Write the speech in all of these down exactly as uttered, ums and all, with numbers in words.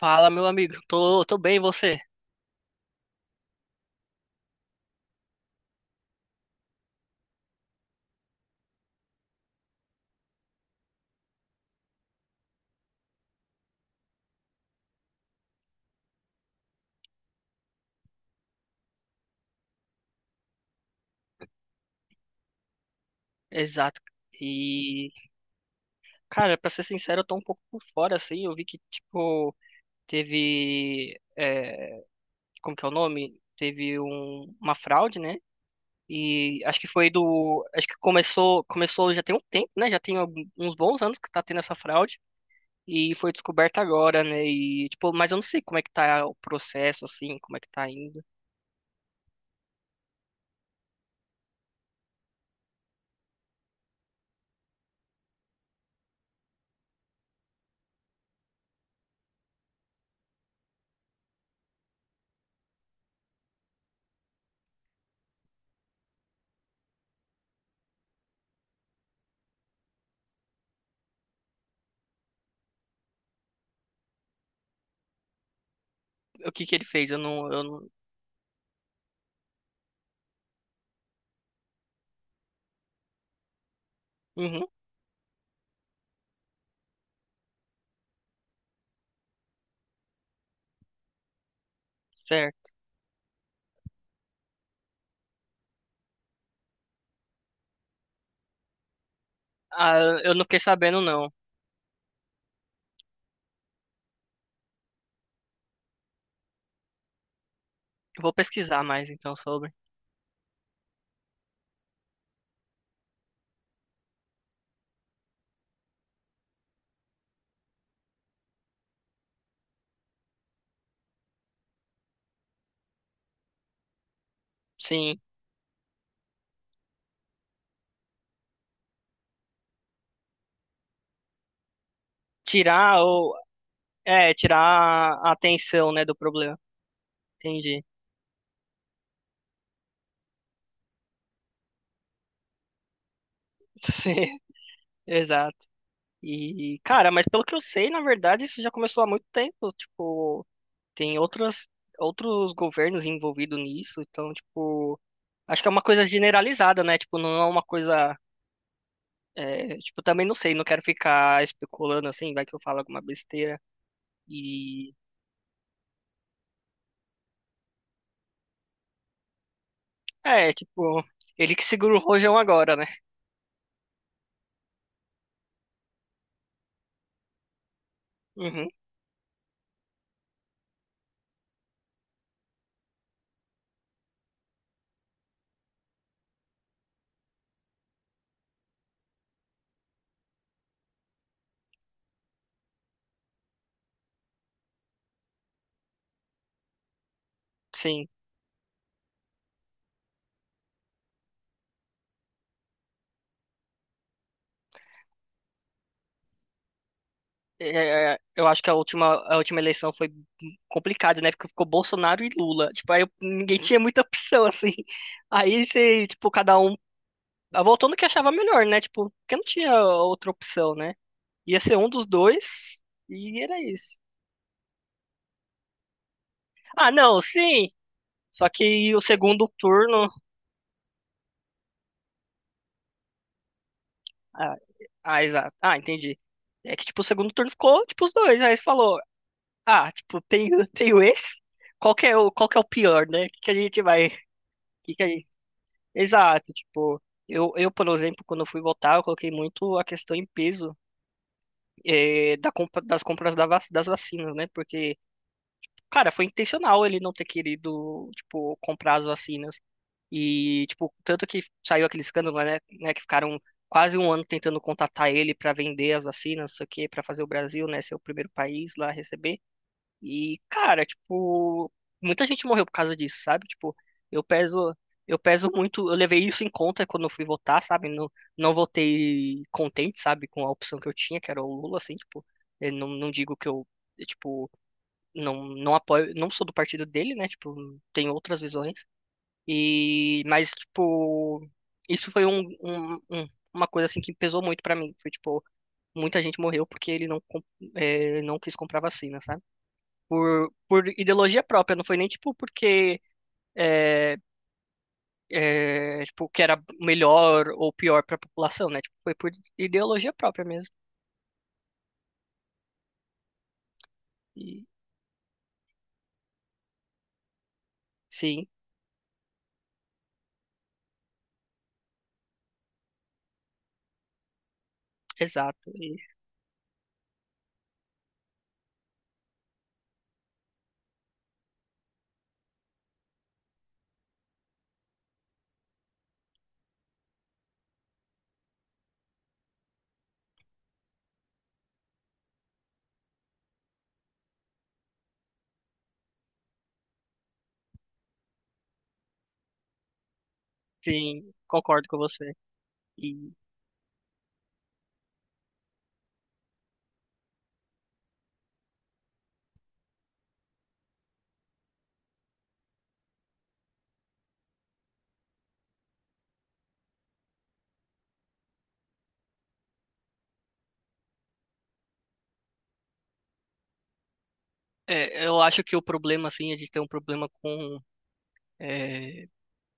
Fala, meu amigo. Tô, tô bem, e você? Exato. E, cara, pra ser sincero, eu tô um pouco por fora, assim. Eu vi que, tipo, teve. é, como que é o nome? Teve um- uma fraude, né? E acho que foi do. Acho que começou, começou já tem um tempo, né? Já tem algum- uns bons anos que tá tendo essa fraude. E foi descoberta agora, né? E, tipo, mas eu não sei como é que tá o processo, assim, como é que tá indo. O que que ele fez? Eu não. Eu não. Uhum, certo. Ah, eu não fiquei sabendo, não. Eu Vou pesquisar mais então sobre. Sim. Tirar ou. É, tirar a atenção, né, do problema. Entendi. Sim, exato. E, cara, mas pelo que eu sei, na verdade, isso já começou há muito tempo. Tipo, tem outras, outros governos envolvidos nisso. Então, tipo, acho que é uma coisa generalizada, né? Tipo, não é uma coisa. É, tipo, também não sei, não quero ficar especulando assim, vai que eu falo alguma besteira. E. É, tipo, ele que segura o rojão agora, né? Uhum, sim. É, é, eu acho que a última, a última eleição foi complicada, né? Porque ficou Bolsonaro e Lula. Tipo, aí eu- ninguém tinha muita opção, assim. Aí você, tipo, cada um ah, votou no que achava melhor, né? Tipo, porque não tinha outra opção, né? Ia ser um dos dois e era isso. Ah, não, sim. Só que o segundo turno. Ah, ah, exato. Ah, entendi. É que, tipo, o segundo turno ficou, tipo, os dois. Aí você falou, ah, tipo, tenho, tenho esse? Qual que é o, qual que é o pior, né? O que que a gente vai. O que que a gente Exato, tipo, eu, eu, por exemplo, quando eu fui votar, eu coloquei muito a questão em peso, eh, da compra, das compras da vac- das vacinas, né? Porque, cara, foi intencional ele não ter querido, tipo, comprar as vacinas. E, tipo, tanto que saiu aquele escândalo, né, né, que ficaram quase um ano tentando contatar ele para vender as vacinas, isso aqui, para fazer o Brasil, né, ser o primeiro país lá a receber. E, cara, tipo, muita gente morreu por causa disso, sabe? Tipo, eu peso, eu peso muito, eu levei isso em conta quando eu fui votar, sabe? Não, não votei contente, sabe, com a opção que eu tinha, que era o Lula, assim, tipo, eu não, não digo que eu, eu, tipo, não, não apoio, não sou do partido dele, né? Tipo, tenho outras visões. E, mas, tipo, isso foi um, um- um- uma coisa, assim, que pesou muito pra mim. Foi, tipo, muita gente morreu porque ele não, com- eh, não quis comprar vacina, sabe? por, por ideologia própria, não foi nem tipo porque é, é, tipo, que era melhor ou pior para a população, né? Tipo, foi por ideologia própria mesmo. E, sim, exato. E, sim, concordo com você. E é, eu acho que o problema, assim, é de ter um problema com é,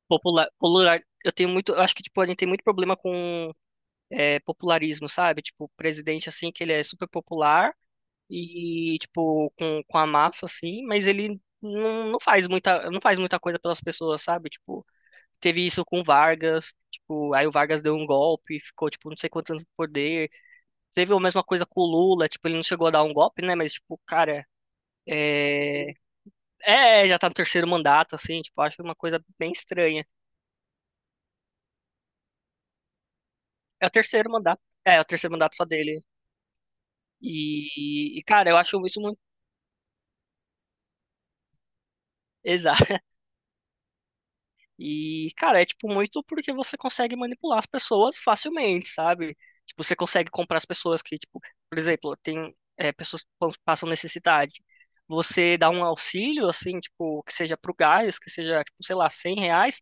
popular, popular. Eu tenho muito, eu acho que tipo a gente tem muito problema com é, popularismo, sabe? Tipo, o presidente assim que ele é super popular, e tipo com, com a massa assim, mas ele não, não faz muita não faz muita coisa pelas pessoas, sabe? Tipo, teve isso com o Vargas, tipo, aí o Vargas deu um golpe, ficou tipo não sei quantos anos no poder. Teve a mesma coisa com o Lula, tipo, ele não chegou a dar um golpe, né, mas tipo, cara, é, é, já tá no terceiro mandato assim, tipo, acho uma coisa bem estranha. É o terceiro mandato. É, é o terceiro mandato só dele. E, e, cara, eu acho isso muito. Exato. E, cara, é tipo muito porque você consegue manipular as pessoas facilmente, sabe? Tipo, você consegue comprar as pessoas que, tipo, por exemplo, tem é, pessoas que pas- passam necessidade. Você dá um auxílio, assim, tipo, que seja pro gás, que seja, tipo, sei lá, cem reais,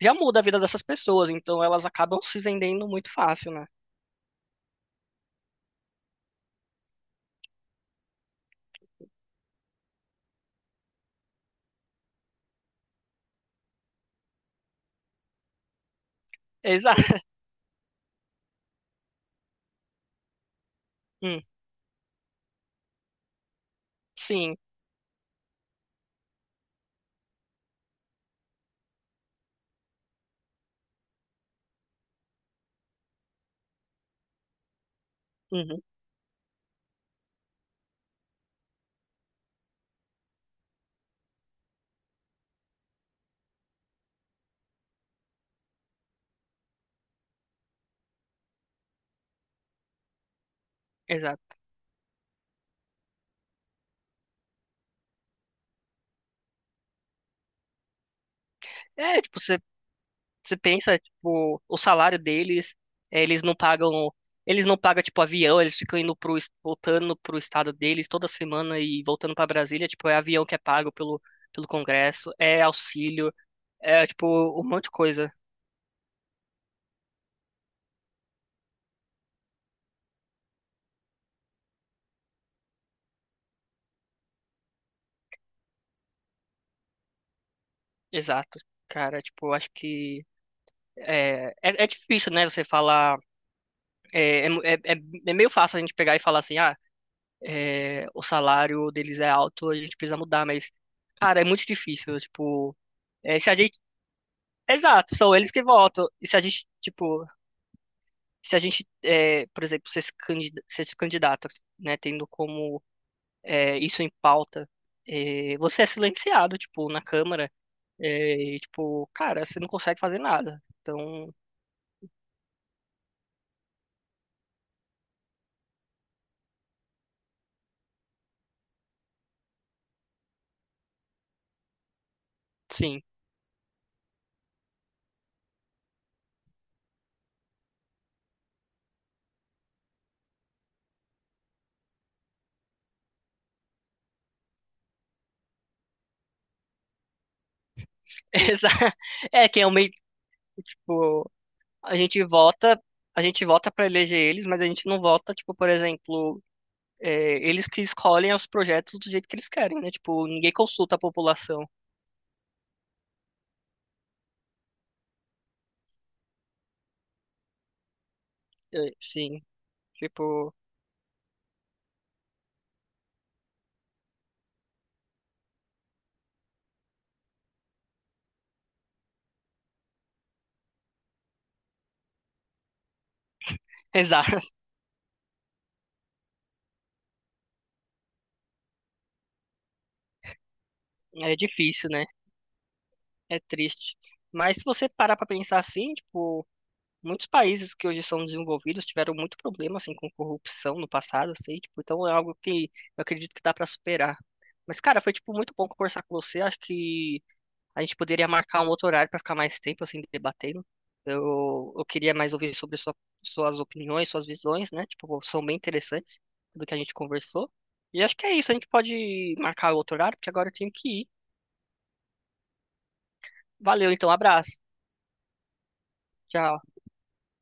já muda a vida dessas pessoas. Então elas acabam se vendendo muito fácil, né? Exato. Hum, sim. Uhum, exato. É, tipo, você Você pensa, tipo, o salário deles, eh, eles não pagam, eles não pagam, tipo, avião, eles ficam indo pro, es- voltando pro estado deles toda semana e voltando pra Brasília, tipo, é avião que é pago pelo, pelo Congresso, é auxílio, é, tipo, um monte de coisa. Exato. Cara, tipo, eu acho que é, é, é difícil, né, você falar, é, é, é, é é meio fácil a gente pegar e falar assim, ah, eh, o salário deles é alto, a gente precisa mudar, mas, cara, é muito difícil, tipo. É, se a gente Exato, são eles que votam. E se a gente, tipo, se a gente, é, por exemplo, se esse candida- se esse candidato, né, tendo como é, isso em pauta, é, você é silenciado, tipo, na Câmara, é, e, tipo, cara, você não consegue fazer nada. Então, sim. Exa- É que é o meio, tipo, a gente vota, a gente vota para eleger eles, mas a gente não vota, tipo, por exemplo, é, eles que escolhem os projetos do jeito que eles querem, né? Tipo, ninguém consulta a população. É, sim, tipo. Exato. É difícil, né? É triste. Mas se você parar pra pensar assim, tipo, muitos países que hoje são desenvolvidos tiveram muito problema assim com corrupção no passado, assim, tipo, então é algo que eu acredito que dá pra superar. Mas cara, foi tipo muito bom conversar com você. Acho que a gente poderia marcar um outro horário pra ficar mais tempo assim debatendo. Eu, eu queria mais ouvir sobre sua- suas opiniões, suas visões, né? Tipo, são bem interessantes do que a gente conversou. E acho que é isso, a gente pode marcar outro horário, porque agora eu tenho que ir. Valeu, então, abraço. Tchau.